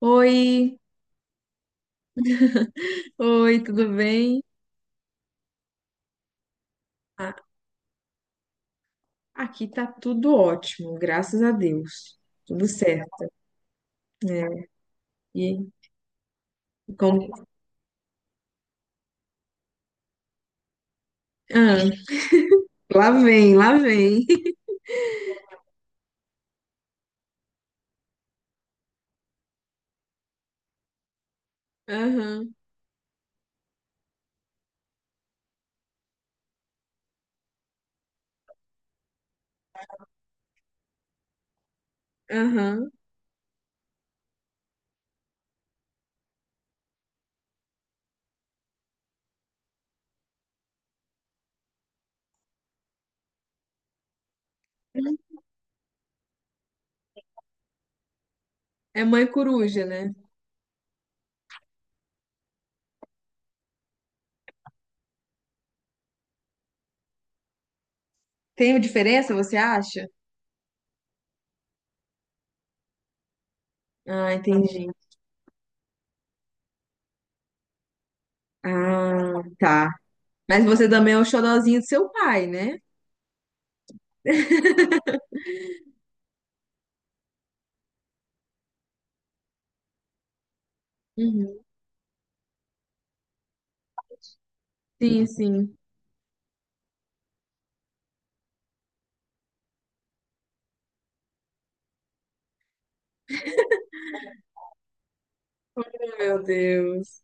Oi, oi, tudo bem? Ah, aqui tá tudo ótimo, graças a Deus. Tudo certo, né? E como... Ah, lá vem, lá vem. Aham, aham. É mãe coruja, né? Tem diferença, você acha? Ah, entendi. Ah, tá. Mas você também é o xodozinho do seu pai, né? Uhum. Sim, sim. Meu Deus.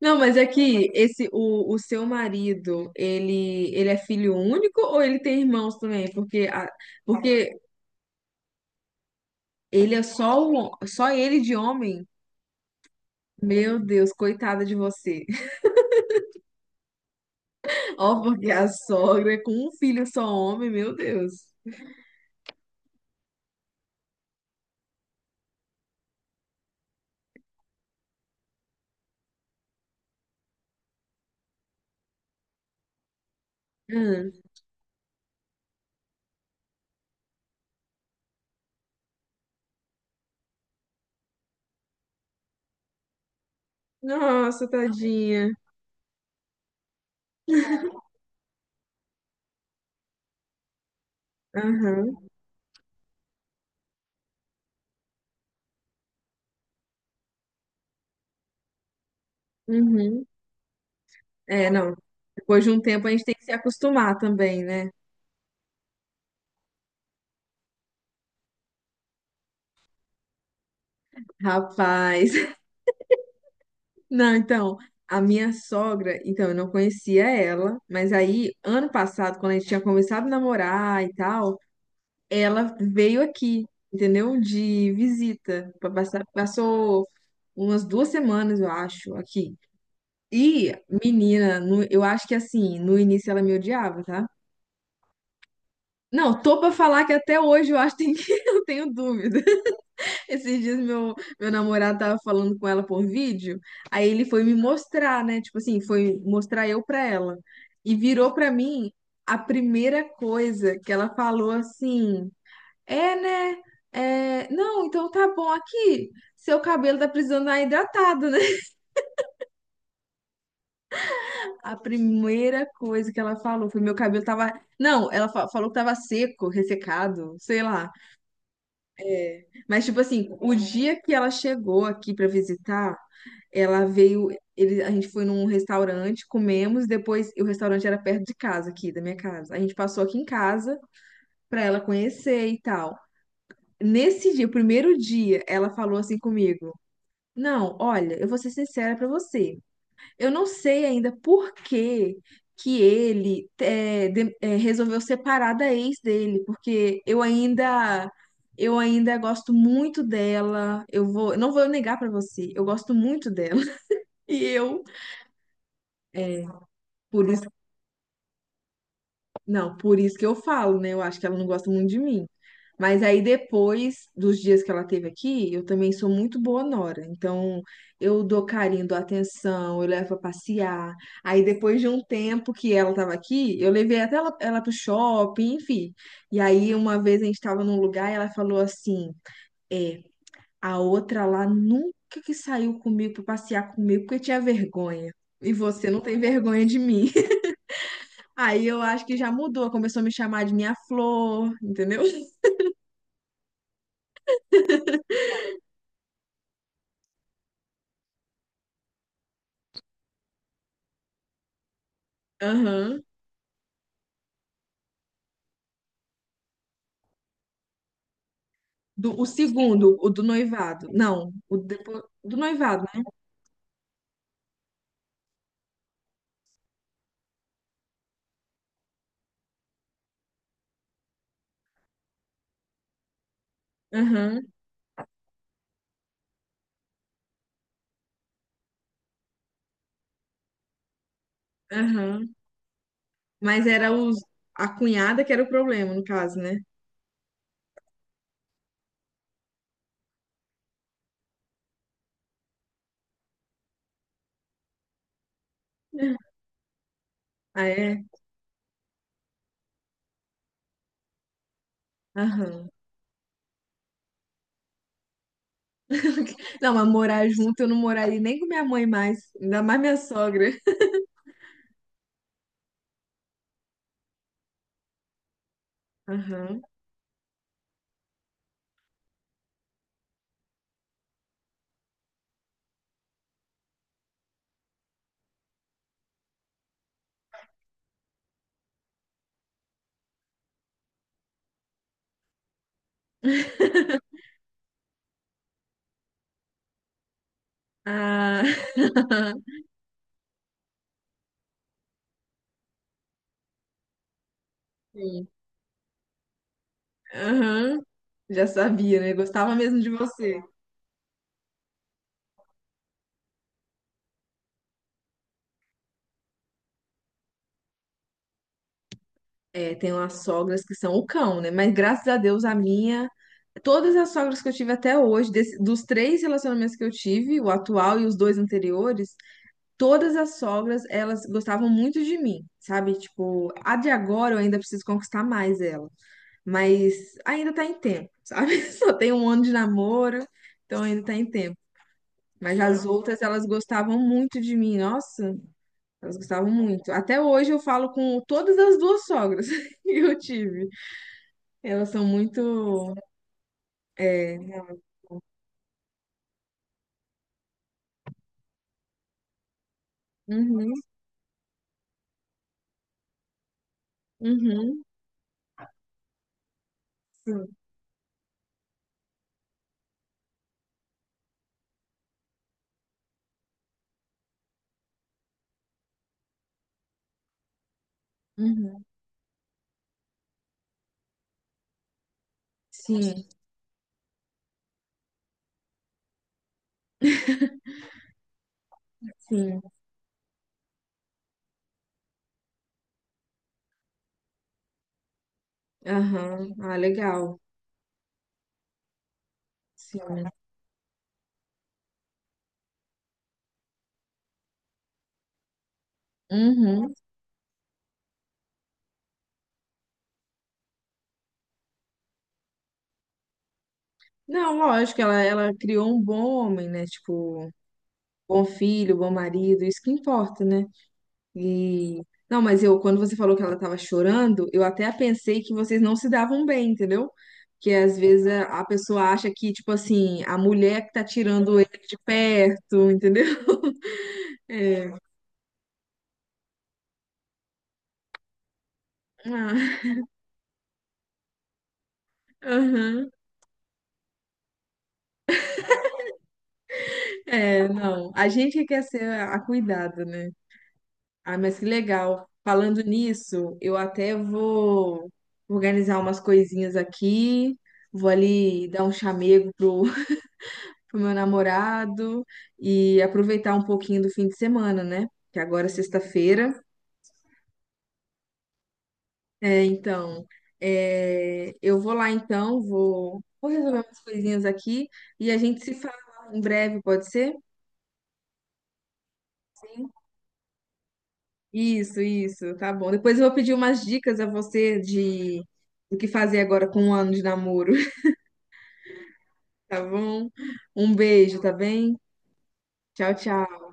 Não, mas é que o seu marido, ele é filho único ou ele tem irmãos também? Porque ele é só, só ele de homem? Meu Deus, coitada de você. Ó, porque a sogra é com um filho só homem, meu Deus. Hum. Nossa, tadinha. Aham, uhum. É, não. Depois de um tempo a gente tem que se acostumar também, né? Rapaz. Não, então, a minha sogra, então, eu não conhecia ela, mas aí, ano passado, quando a gente tinha começado a namorar e tal, ela veio aqui, entendeu? De visita. Passou umas duas semanas, eu acho, aqui. E, menina, eu acho que assim, no início ela me odiava, tá? Não, tô pra falar que até hoje eu acho que eu tenho dúvida. Esses dias meu namorado tava falando com ela por vídeo, aí ele foi me mostrar, né? Tipo assim, foi mostrar eu pra ela. E virou pra mim a primeira coisa que ela falou assim: É, né? É, não, então tá bom aqui. Seu cabelo tá precisando dar hidratado, né? A primeira coisa que ela falou foi: Meu cabelo tava. Não, ela falou que tava seco, ressecado, sei lá. Mas, tipo assim, o dia que ela chegou aqui pra visitar, ela veio. A gente foi num restaurante, comemos, depois. O restaurante era perto de casa, aqui, da minha casa. A gente passou aqui em casa pra ela conhecer e tal. Nesse dia, o primeiro dia, ela falou assim comigo: Não, olha, eu vou ser sincera pra você. Eu não sei ainda por que ele é, resolveu separar da ex dele, porque eu ainda gosto muito dela. Eu vou, não vou negar pra você, eu gosto muito dela. E eu, é, por isso Não, por isso que eu falo, né? Eu acho que ela não gosta muito de mim. Mas aí depois dos dias que ela teve aqui, eu também sou muito boa nora. Então, eu dou carinho, dou atenção, eu levo pra passear. Aí depois de um tempo que ela tava aqui, eu levei até ela pro shopping, enfim. E aí uma vez a gente tava num lugar e ela falou assim: "É, a outra lá nunca que saiu comigo pra passear comigo porque tinha vergonha. E você não tem vergonha de mim." Aí eu acho que já mudou, começou a me chamar de minha flor, entendeu? Aham. O segundo, o do noivado. Não, o depois, do noivado, né? Aham, aham. Mas era a cunhada que era o problema, no caso, né? Ah, é? Aham. Não, mas morar junto eu não moraria nem com minha mãe mais, ainda mais minha sogra. Aham. Ah, sim. Aham. Já sabia, né? Gostava mesmo de você. É, tem umas sogras que são o cão, né? Mas graças a Deus a minha, todas as sogras que eu tive até hoje, dos três relacionamentos que eu tive, o atual e os dois anteriores, todas as sogras, elas gostavam muito de mim, sabe? Tipo, a de agora eu ainda preciso conquistar mais ela, mas ainda tá em tempo, sabe? Só tem um ano de namoro, então ainda tá em tempo. Mas as outras, elas gostavam muito de mim, nossa, elas gostavam muito. Até hoje eu falo com todas as duas sogras que eu tive. Elas são muito. É, uhum, uhum, sim, uhum, sim, sim, aham, ah, legal, sim, uhum. Não, lógico, ela criou um bom homem, né? Tipo, bom filho, bom marido, isso que importa, né? E. Não, mas eu, quando você falou que ela tava chorando, eu até pensei que vocês não se davam bem, entendeu? Que às vezes a pessoa acha que, tipo assim, a mulher que tá tirando ele de perto, entendeu? É. Ah, aham. É, não. A gente que quer ser a cuidada, né? Ah, mas que legal. Falando nisso, eu até vou organizar umas coisinhas aqui, vou ali dar um chamego pro, pro meu namorado e aproveitar um pouquinho do fim de semana, né? Que agora é sexta-feira. É, então, é, eu vou lá então, vou resolver umas coisinhas aqui e a gente se fala em breve, pode ser? Isso, tá bom. Depois eu vou pedir umas dicas a você de do que fazer agora com um ano de namoro, tá bom? Um beijo, tá bem? Tchau, tchau.